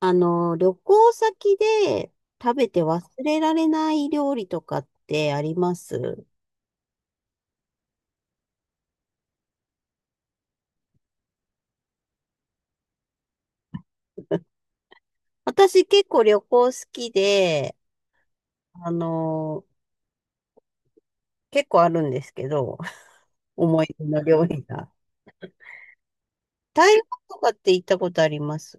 旅行先で食べて忘れられない料理とかってあります？ 私結構旅行好きで、あの、結構あるんですけど、思い出の料理が。台湾とかって行ったことあります？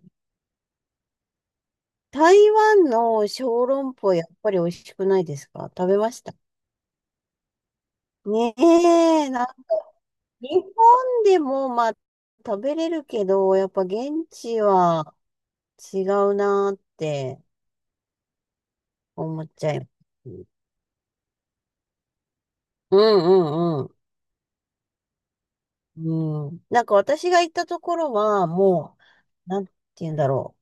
台湾の小籠包やっぱり美味しくないですか？食べました？ねえ、日本でもまあ食べれるけど、やっぱ現地は違うなーって。思っちゃいます。うんうんうん。うん。なんか私が行ったところは、もう、なんて言うんだろ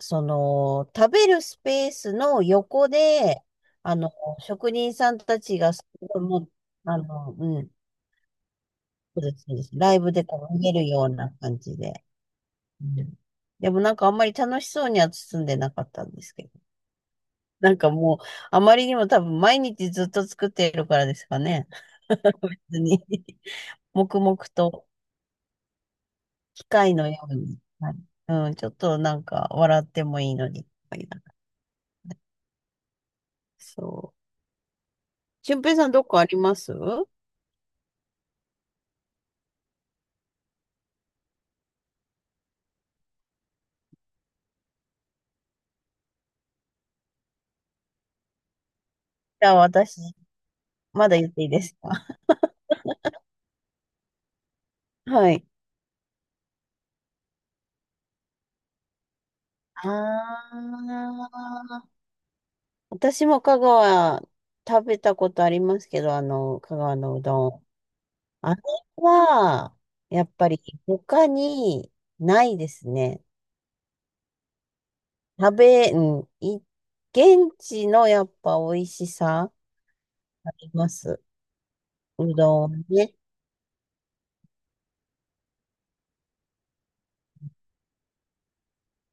う。その、食べるスペースの横で、あの、職人さんたちがすごい、もう、うん、そうです、そうです。ライブでこう見えるような感じで。うん、でもなんかあんまり楽しそうには包んでなかったんですけど。なんかもう、あまりにも多分毎日ずっと作っているからですかね。別に。黙々と。機械のようになる。はい、うん、ちょっとなんか笑ってもいいのに。こういなんか、ね、そう。俊平さん、どこあります？じゃあ私、まだ言っていいですか？ はい。ああ、私も香川食べたことありますけど、香川のうどん。あれは、やっぱり他にないですね。うん、現地のやっぱ美味しさあります。うどんね。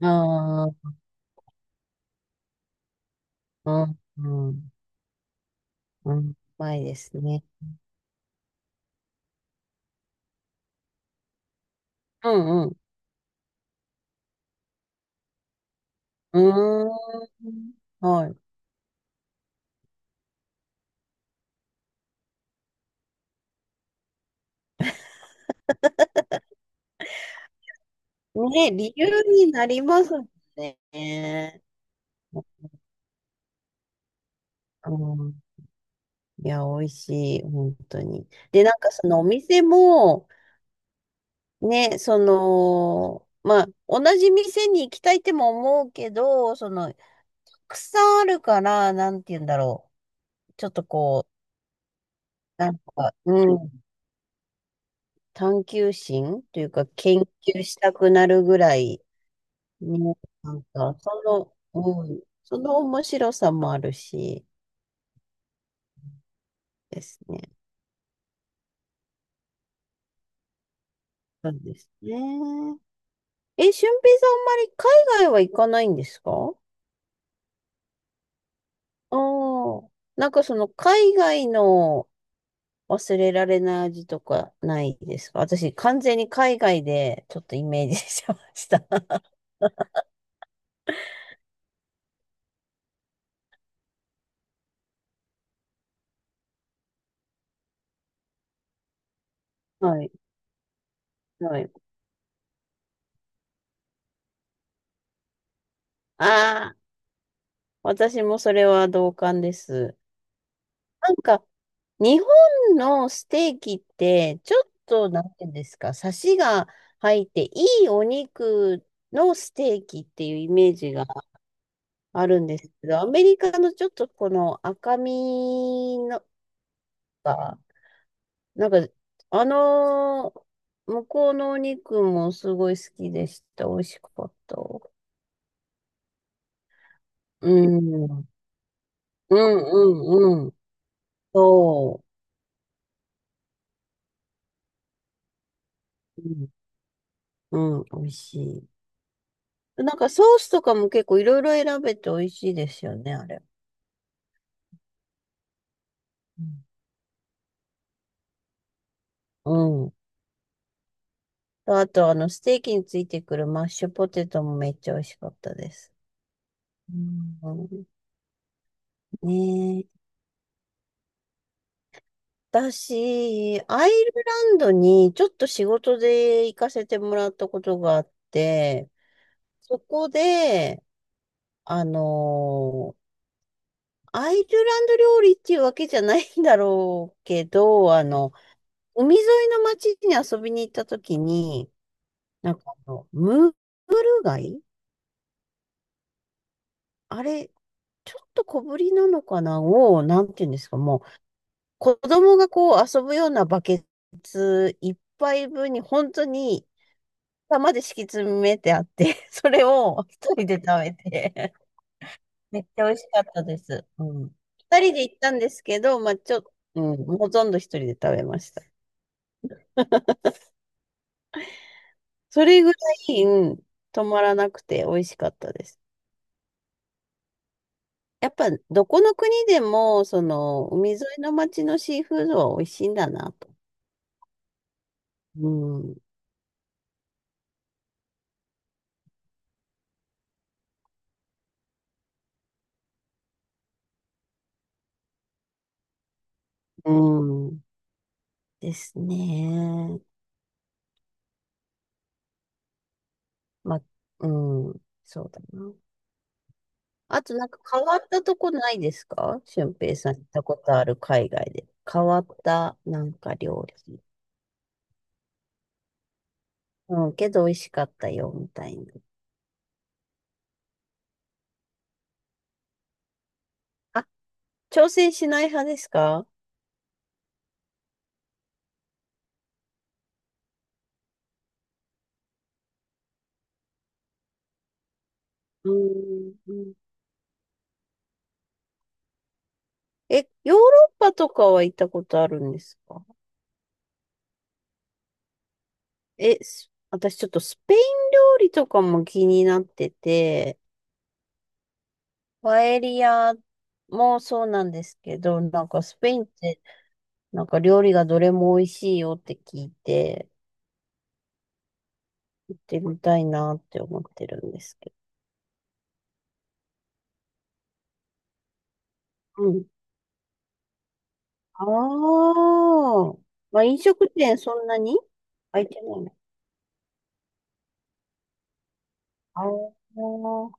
ああ、うん、うん、うん、まいですね。うん、うん、うーん、はい。ね、理由になりますね。うん、いや、美味しい、本当に。で、なんかそのお店も、ね、その、まあ、同じ店に行きたいっても思うけど、その、たくさんあるから、なんて言うんだろう。ちょっとこう、なんか、うん、探求心というか、研究したくなるぐらい、ね、なんか、その、うん、その面白さもあるし、ですね。そうですね。え、俊平さん、あんまり海外は行かないんですか？ああー、なんかその海外の忘れられない味とかないですか？私、完全に海外でちょっとイメージしてました。はい、はい。ああ、私もそれは同感です。なんか、日本のステーキって、ちょっと、なんていうんですか、サシが入って、いいお肉のステーキっていうイメージがあるんですけど、アメリカのちょっとこの赤身のが、なんか、あのー向こうのお肉もすごい好きでした。美味しかった。うん。うんうんうん。そう。うん、うん、美味しい。なんかソースとかも結構いろいろ選べて美味しいですよね、あれ。うん。うん、あと、ステーキについてくるマッシュポテトもめっちゃ美味しかったです。うん。ねえ。私、アイルランドにちょっと仕事で行かせてもらったことがあって、そこで、あの、アイルランド料理っていうわけじゃないんだろうけど、海沿いの町に遊びに行った時に、なんかムール貝あれ、ちょっと小ぶりなのかなを、なんて言うんですか、もう、子供がこう遊ぶようなバケツ一杯分に本当に玉で敷き詰めてあって、それを一人で食べて、めっちゃ美味しかったです。うん。二人で行ったんですけど、まあちょっと、うん、ほとんど一人で食べました。それぐらい、うん、止まらなくて美味しかったです。やっぱ、どこの国でも、その、海沿いの町のシーフードは美味しいんだなと。うん。うん。ですね。まあ、うん。そうだな。あと、なんか変わったとこないですか？俊平さん行ったことある海外で。変わった、なんか料理。うん、けど美味しかったよ、みたいな。あ、挑戦しない派ですか？うん、え、ヨーロッパとかは行ったことあるんですか？え、私ちょっとスペイン料理とかも気になってて、パエリアもそうなんですけど、なんかスペインってなんか料理がどれも美味しいよって聞いて、行ってみたいなって思ってるんですけど。うん。ああ、まあ、飲食店そんなに開いてないの？ああー、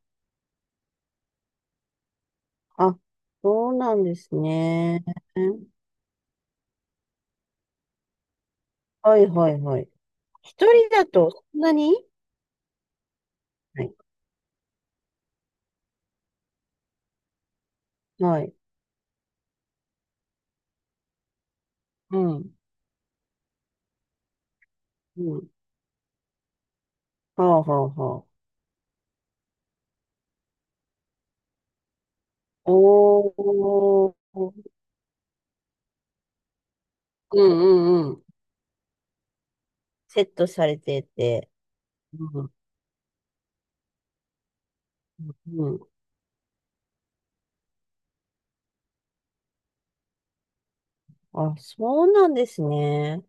あ、そうなんですね。はいはいはい。一人だとそんなに、はい。はい。うん。うん、はあ、はあ、はあ。おー、うんうんうん。セットされてて。うんうんうん。あ、そうなんですね。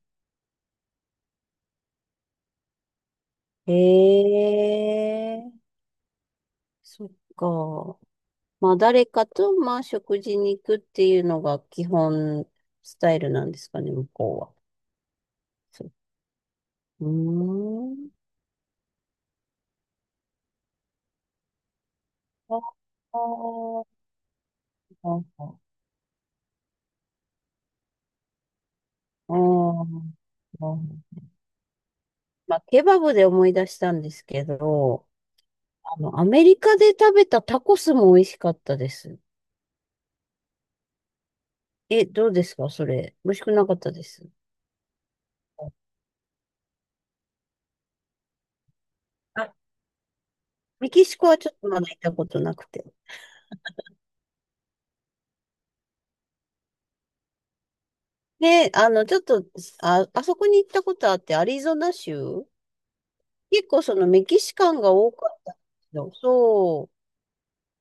へえ、そっか。まあ、誰かと、まあ、食事に行くっていうのが基本スタイルなんですかね、向こうは。そう。うーん。ああ、ああ、ああ。まあ、ケバブで思い出したんですけど、アメリカで食べたタコスも美味しかったです。え、どうですかそれ。美味しくなかったです？あ、メキシコはちょっとまだ行ったことなくて。で、ちょっと、あ、あそこに行ったことあって、アリゾナ州結構そのメキシカンが多かったんですよ。そ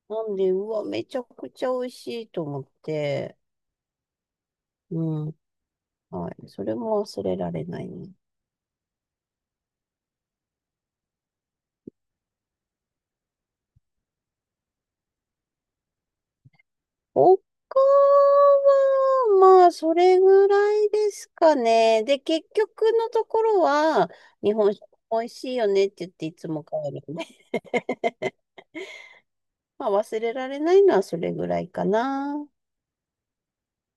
う。なんで、うわ、めちゃくちゃ美味しいと思って。うん。はい。それも忘れられないね。他は、まあ、それぐらいですかね。で、結局のところは、日本酒美味しいよねって言っていつも帰るね。まあ、忘れられないのはそれぐらいかな。